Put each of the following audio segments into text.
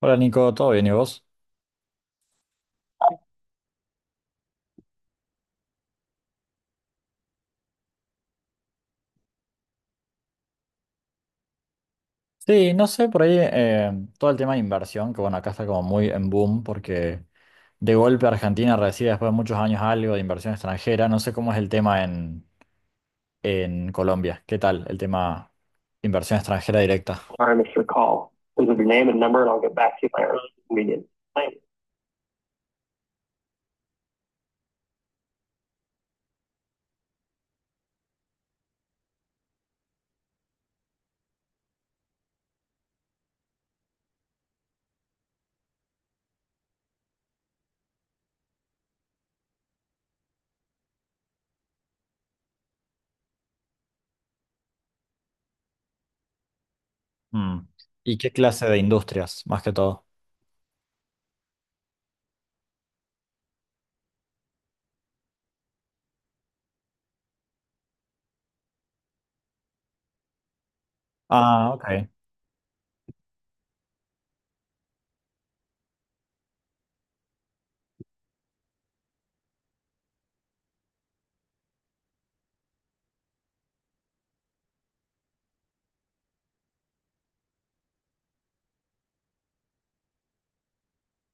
Hola Nico, ¿todo bien y vos? Sí, no sé, por ahí todo el tema de inversión, que bueno, acá está como muy en boom porque de golpe Argentina recibe después de muchos años algo de inversión extranjera. No sé cómo es el tema en Colombia. ¿Qué tal el tema inversión extranjera directa? Sorry, Mr. Call. Please leave your name and number, and I'll get back to you by earliest convenience. Thanks. Mm. ¿Y qué clase de industrias, más que todo? Ah, ok.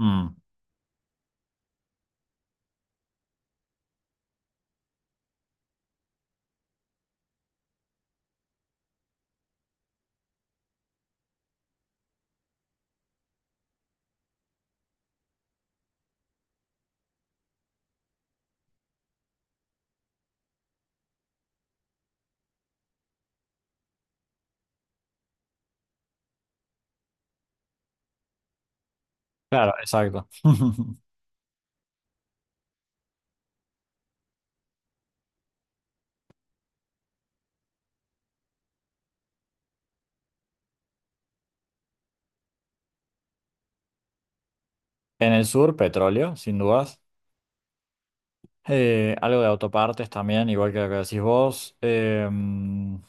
Mm. Claro, exacto. En el sur, petróleo, sin dudas. Algo de autopartes también, igual que lo que decís vos.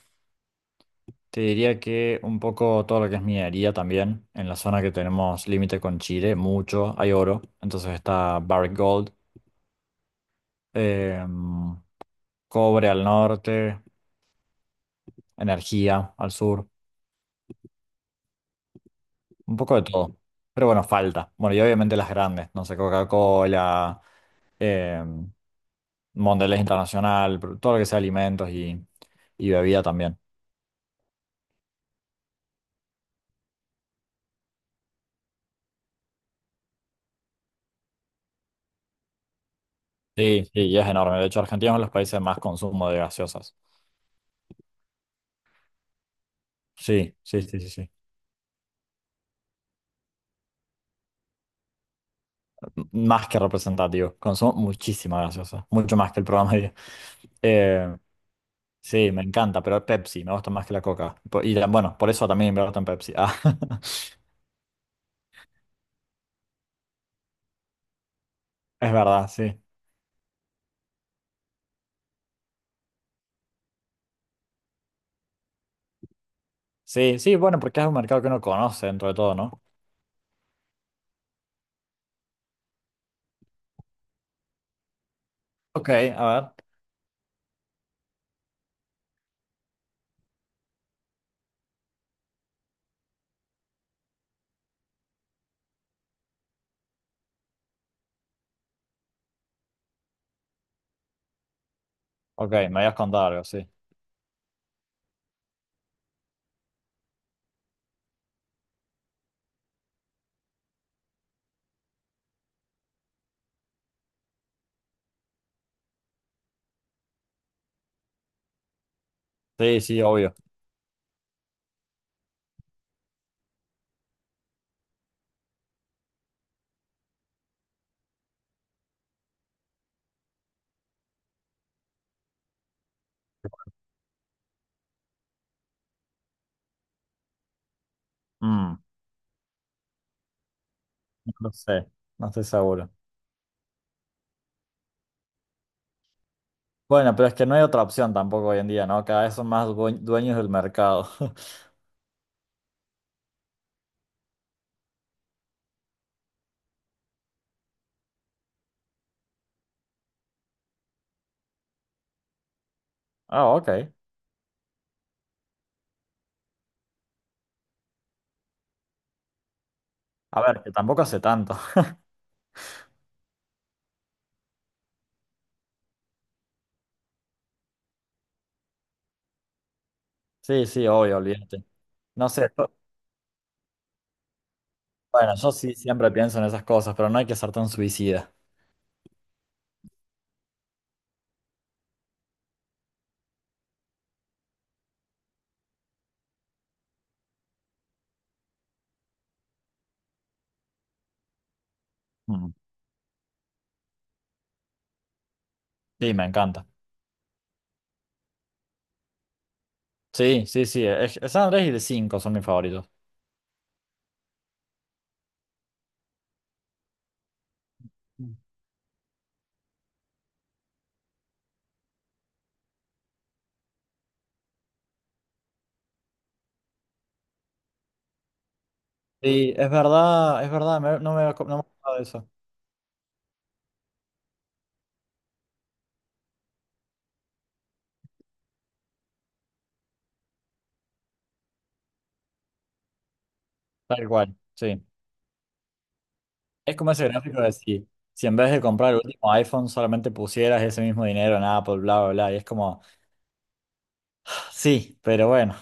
Te diría que un poco todo lo que es minería también, en la zona que tenemos límite con Chile, mucho, hay oro, entonces está Barrick Gold, em, cobre al norte, energía al sur, un poco de todo. Pero bueno, falta. Bueno, y obviamente las grandes, no sé, Coca-Cola, em, Mondelez Internacional, todo lo que sea alimentos y bebida también. Sí, sí, y es enorme. De hecho, Argentina es uno de los países más consumo de gaseosas. Sí, sí, sí, sí, sí. Más que representativo. Consumo muchísima gaseosa. Mucho más que el programa. Eh, sí, me encanta, pero Pepsi me gusta más que la Coca. Y bueno, por eso también me gusta en Pepsi. Ah, es verdad, sí. Sí, sí, bueno, porque es un mercado que uno conoce dentro de todo, ¿no? Ok, a ver. Ok, me habías contado algo, sí. Sí, sí, obvio. Mm, no lo sé, no estoy seguro. Bueno, pero es que no hay otra opción tampoco hoy en día, ¿no? Cada vez son más dueños del mercado. Ah, ok. A ver, que tampoco hace tanto. Sí, sí, obvio, olvídate. No sé, bueno, yo sí siempre pienso en esas cosas, pero no hay que ser tan suicida. Mm. Sí, me encanta. Sí, sí, sí. Es San Andrés y de 5 son mis favoritos. Mm. Sí, es verdad, no me había no me había acordado de eso. Tal cual, sí. Es como ese gráfico de si en vez de comprar el último iPhone solamente pusieras ese mismo dinero en Apple, bla, bla, bla, y es como... Sí, pero bueno.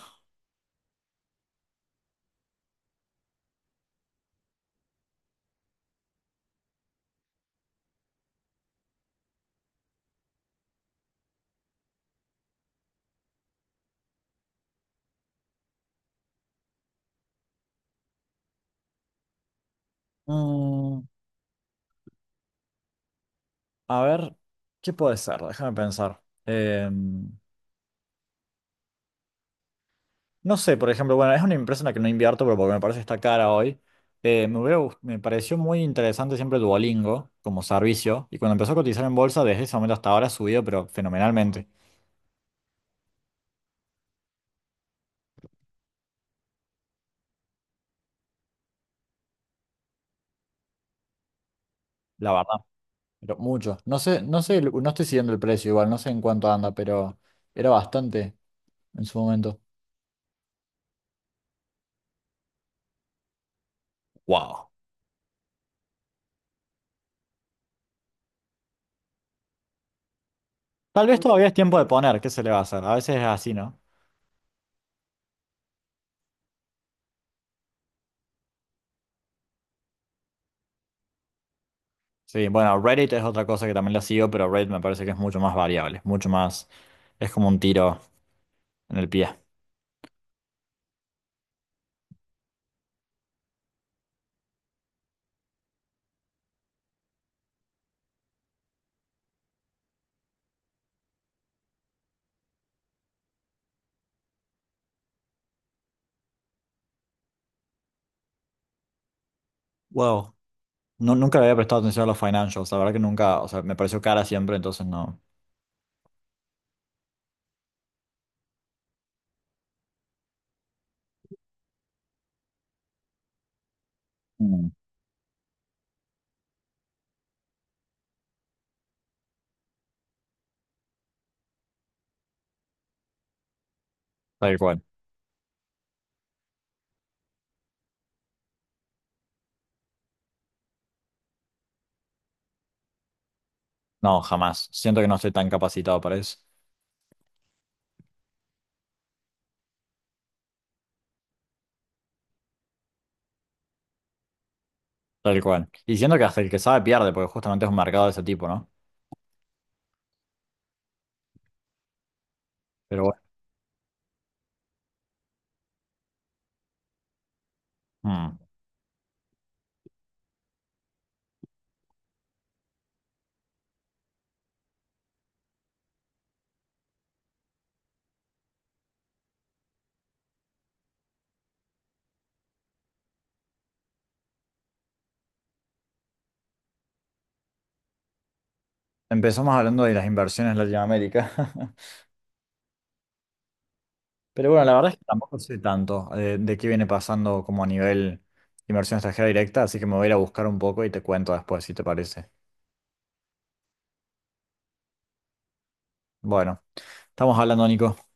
Mm, a ver, ¿qué puede ser? Déjame pensar. No sé, por ejemplo, bueno, es una empresa en la que no invierto, pero porque me parece que está cara hoy. Me pareció muy interesante siempre Duolingo como servicio. Y cuando empezó a cotizar en bolsa, desde ese momento hasta ahora ha subido, pero fenomenalmente, la verdad. Pero mucho. No sé, no sé, no estoy siguiendo el precio igual, no sé en cuánto anda, pero era bastante en su momento. Wow. Tal vez todavía es tiempo de poner, ¿qué se le va a hacer? A veces es así, ¿no? Sí, bueno, Reddit es otra cosa que también la sigo, pero Reddit me parece que es mucho más variable, mucho más, es como un tiro en el pie. Wow. No, nunca le había prestado atención a los financials, la verdad que nunca, o sea, me pareció cara siempre, entonces no. Mm. Tal cual. No, jamás. Siento que no estoy tan capacitado para eso. Tal cual. Y siento que hasta el que sabe pierde, porque justamente es un mercado de ese tipo, ¿no? Pero bueno. Mm. Empezamos hablando de las inversiones en Latinoamérica. Pero bueno, la verdad es que tampoco sé tanto qué viene pasando como a nivel inversión extranjera directa, así que me voy a ir a buscar un poco y te cuento después, si te parece. Bueno, estamos hablando, Nico.